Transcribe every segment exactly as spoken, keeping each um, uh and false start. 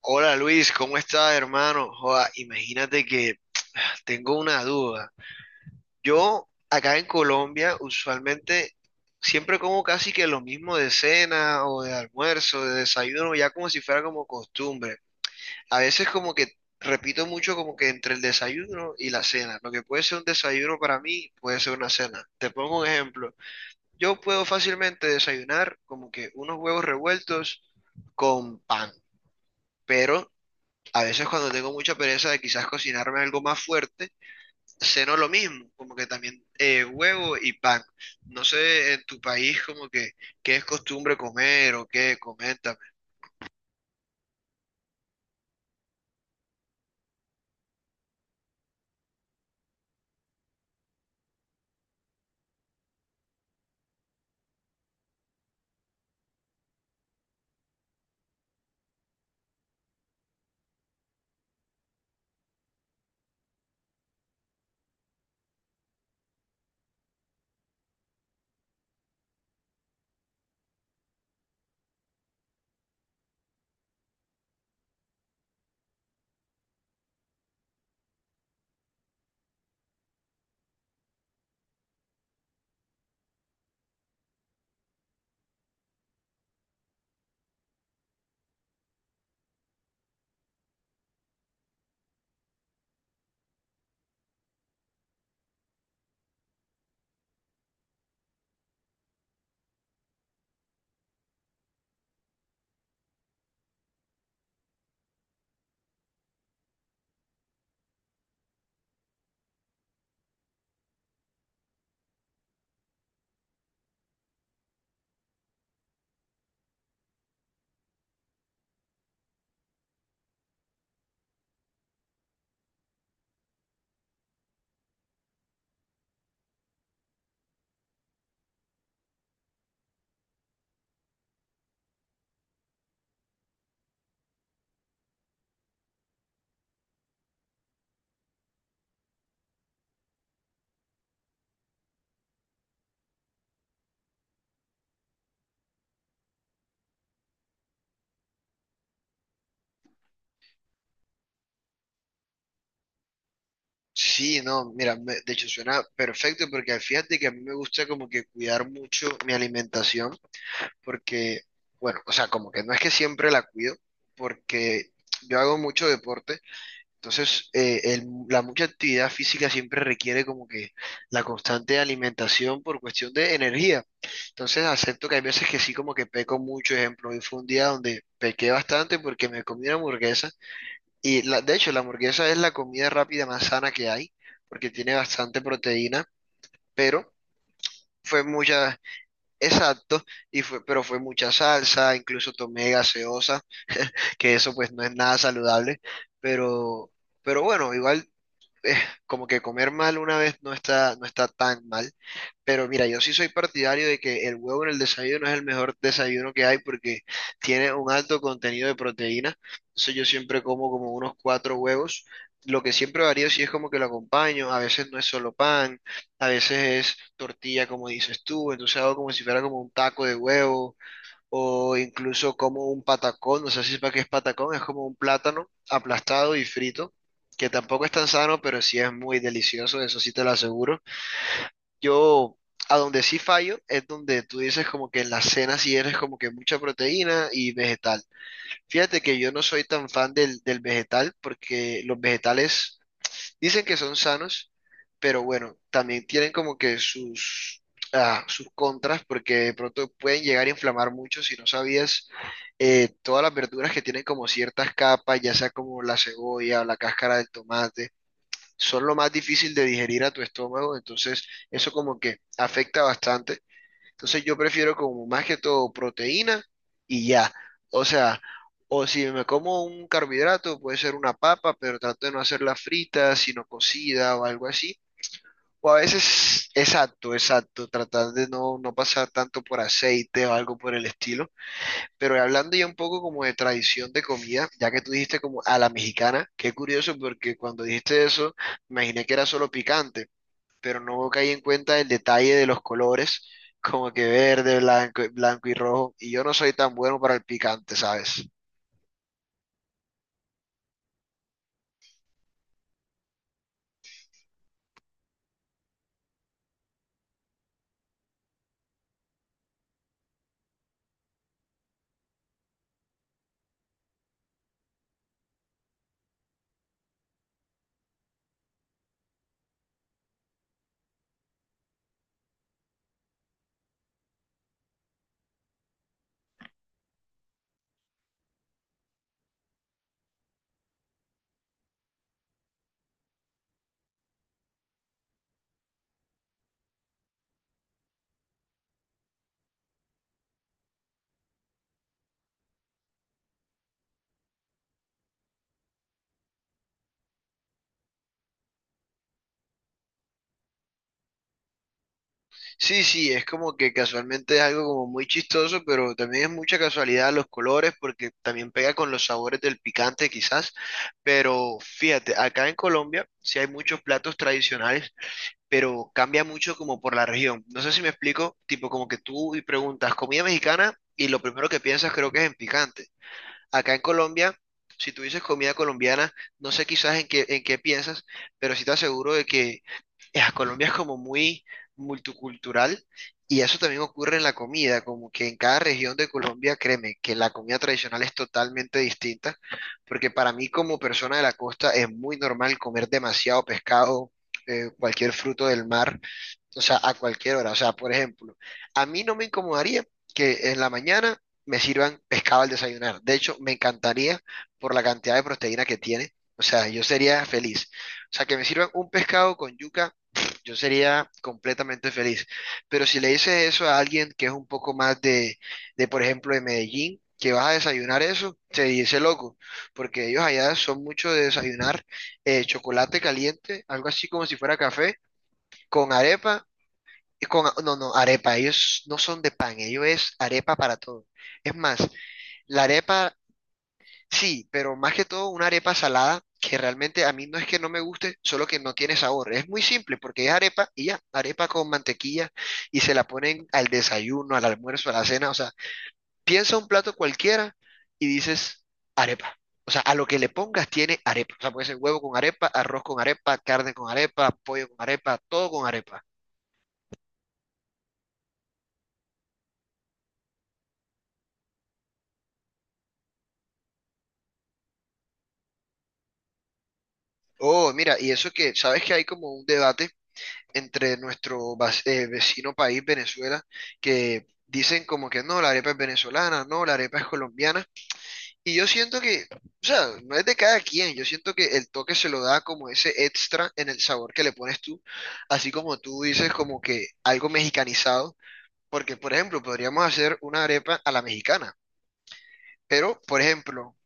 Hola Luis, ¿cómo estás, hermano? Joda, imagínate que tengo una duda. Yo acá en Colombia usualmente siempre como casi que lo mismo de cena o de almuerzo, de desayuno, ya como si fuera como costumbre. A veces como que repito mucho como que entre el desayuno y la cena. Lo que puede ser un desayuno para mí puede ser una cena. Te pongo un ejemplo. Yo puedo fácilmente desayunar como que unos huevos revueltos con pan. Pero a veces cuando tengo mucha pereza de quizás cocinarme algo más fuerte, ceno lo mismo, como que también eh, huevo y pan. No sé en tu país como que qué es costumbre comer o qué, coméntame. Sí, no, mira, me- de hecho suena perfecto porque fíjate que a mí me gusta como que cuidar mucho mi alimentación porque, bueno, o sea, como que no es que siempre la cuido porque yo hago mucho deporte. Entonces, eh, el- la mucha actividad física siempre requiere como que la constante alimentación por cuestión de energía. Entonces, acepto que hay veces que sí como que peco mucho. Ejemplo, hoy fue un día donde pequé bastante porque me comí una hamburguesa. Y la, de hecho, la hamburguesa es la comida rápida más sana que hay porque tiene bastante proteína, pero fue mucha, exacto, y fue, pero fue mucha salsa, incluso tomé gaseosa, que eso pues no es nada saludable, pero... Pero bueno, igual eh, como que comer mal una vez no está, no está tan mal. Pero mira, yo sí soy partidario de que el huevo en el desayuno es el mejor desayuno que hay porque tiene un alto contenido de proteína. Entonces yo siempre como como unos cuatro huevos. Lo que siempre varía si es como que lo acompaño. A veces no es solo pan, a veces es tortilla, como dices tú. Entonces hago como si fuera como un taco de huevo o incluso como un patacón, no sé si sepa qué es patacón, es como un plátano aplastado y frito, que tampoco es tan sano, pero sí es muy delicioso, eso sí te lo aseguro. Yo, a donde sí fallo, es donde tú dices como que en la cena sí eres como que mucha proteína y vegetal. Fíjate que yo no soy tan fan del, del vegetal, porque los vegetales dicen que son sanos, pero bueno, también tienen como que sus, ah, sus contras, porque de pronto pueden llegar a inflamar mucho si no sabías eh, todas las verduras que tienen como ciertas capas, ya sea como la cebolla o la cáscara del tomate, son lo más difícil de digerir a tu estómago, entonces eso como que afecta bastante. Entonces yo prefiero como más que todo proteína y ya. O sea, o si me como un carbohidrato, puede ser una papa, pero trato de no hacerla frita, sino cocida o algo así. O a veces, exacto, exacto, tratar de no, no pasar tanto por aceite o algo por el estilo. Pero hablando ya un poco como de tradición de comida, ya que tú dijiste como a la mexicana, qué curioso porque cuando dijiste eso, me imaginé que era solo picante, pero no caí en cuenta el detalle de los colores, como que verde, blanco, blanco y rojo, y yo no soy tan bueno para el picante, ¿sabes? Sí, sí, es como que casualmente es algo como muy chistoso, pero también es mucha casualidad los colores, porque también pega con los sabores del picante quizás, pero fíjate, acá en Colombia sí hay muchos platos tradicionales, pero cambia mucho como por la región. No sé si me explico, tipo como que tú y preguntas comida mexicana y lo primero que piensas creo que es en picante. Acá en Colombia, si tú dices comida colombiana, no sé quizás en qué, en qué piensas, pero sí te aseguro de que eh, Colombia es como muy multicultural y eso también ocurre en la comida, como que en cada región de Colombia, créeme, que la comida tradicional es totalmente distinta, porque para mí como persona de la costa es muy normal comer demasiado pescado, eh, cualquier fruto del mar, o sea, a cualquier hora. O sea, por ejemplo, a mí no me incomodaría que en la mañana me sirvan pescado al desayunar. De hecho, me encantaría por la cantidad de proteína que tiene. O sea, yo sería feliz. O sea, que me sirvan un pescado con yuca, yo sería completamente feliz. Pero si le dices eso a alguien que es un poco más de, de, por ejemplo, de Medellín, que vas a desayunar eso, se dice loco, porque ellos allá son mucho de desayunar eh, chocolate caliente, algo así como si fuera café, con arepa y con, no, no, arepa. Ellos no son de pan, ellos es arepa para todo. Es más, la arepa, sí, pero más que todo una arepa salada que realmente a mí no es que no me guste, solo que no tiene sabor. Es muy simple porque es arepa y ya, arepa con mantequilla y se la ponen al desayuno, al almuerzo, a la cena. O sea, piensa un plato cualquiera y dices arepa. O sea, a lo que le pongas tiene arepa. O sea, puede ser huevo con arepa, arroz con arepa, carne con arepa, pollo con arepa, todo con arepa. Oh, mira, y eso que, sabes que hay como un debate entre nuestro vas- eh, vecino país, Venezuela, que dicen como que no, la arepa es venezolana, no, la arepa es colombiana. Y yo siento que, o sea, no es de cada quien, yo siento que el toque se lo da como ese extra en el sabor que le pones tú, así como tú dices como que algo mexicanizado, porque por ejemplo, podríamos hacer una arepa a la mexicana, pero por ejemplo,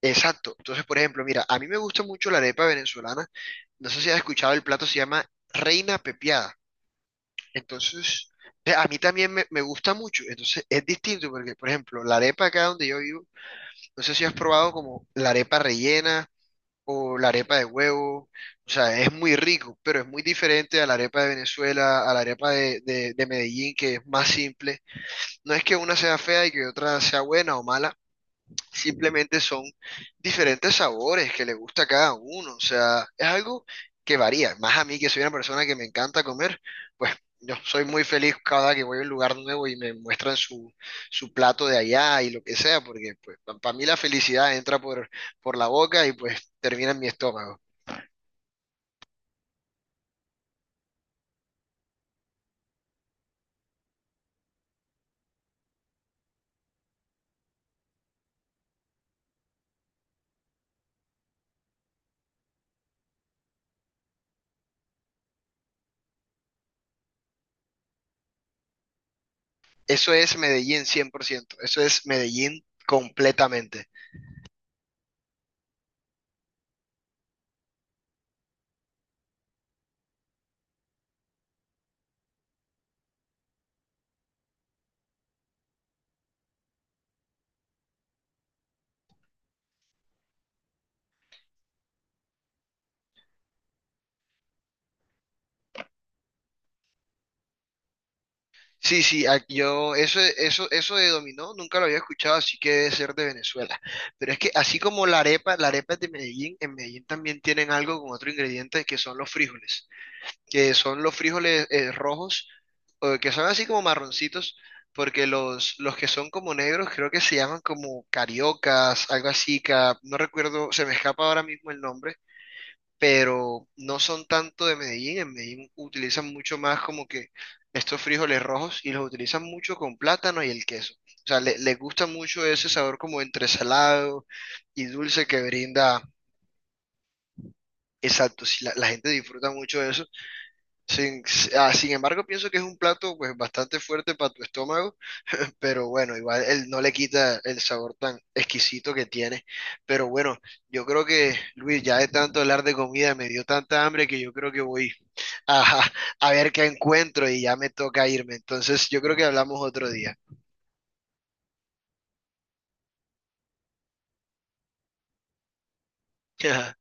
exacto. Entonces, por ejemplo, mira, a mí me gusta mucho la arepa venezolana. No sé si has escuchado el plato, se llama Reina Pepiada. Entonces, eh, a mí también me, me gusta mucho. Entonces, es distinto porque, por ejemplo, la arepa acá donde yo vivo, no sé si has probado como la arepa rellena o la arepa de huevo. O sea, es muy rico, pero es muy diferente a la arepa de Venezuela, a la arepa de, de de Medellín, que es más simple. No es que una sea fea y que otra sea buena o mala. Simplemente son diferentes sabores que le gusta a cada uno. O sea, es algo que varía. Más a mí que soy una persona que me encanta comer, pues yo soy muy feliz cada que voy a un lugar nuevo y me muestran su, su plato de allá y lo que sea, porque pues para mí la felicidad entra por, por la boca y pues termina en mi estómago. Eso es Medellín cien por ciento. Eso es Medellín completamente. Sí, sí, a- yo eso, eso, eso de dominó nunca lo había escuchado, así que debe ser de Venezuela. Pero es que así como la arepa, la arepa es de Medellín, en Medellín también tienen algo con otro ingrediente que son los frijoles, que son los frijoles eh, rojos, o que son así como marroncitos, porque los, los que son como negros creo que se llaman como cariocas, algo así, ca- no recuerdo, se me escapa ahora mismo el nombre, pero no son tanto de Medellín. En Medellín utilizan mucho más como que estos frijoles rojos y los utilizan mucho con plátano y el queso. O sea, le- les gusta mucho ese sabor como entre salado y dulce que brinda. Exacto, sí, la, la gente disfruta mucho de eso. Sin, ah, Sin embargo, pienso que es un plato pues bastante fuerte para tu estómago, pero bueno, igual él no le quita el sabor tan exquisito que tiene. Pero bueno, yo creo que, Luis, ya de tanto hablar de comida me dio tanta hambre que yo creo que voy, ajá, a ver qué encuentro y ya me toca irme. Entonces, yo creo que hablamos otro día.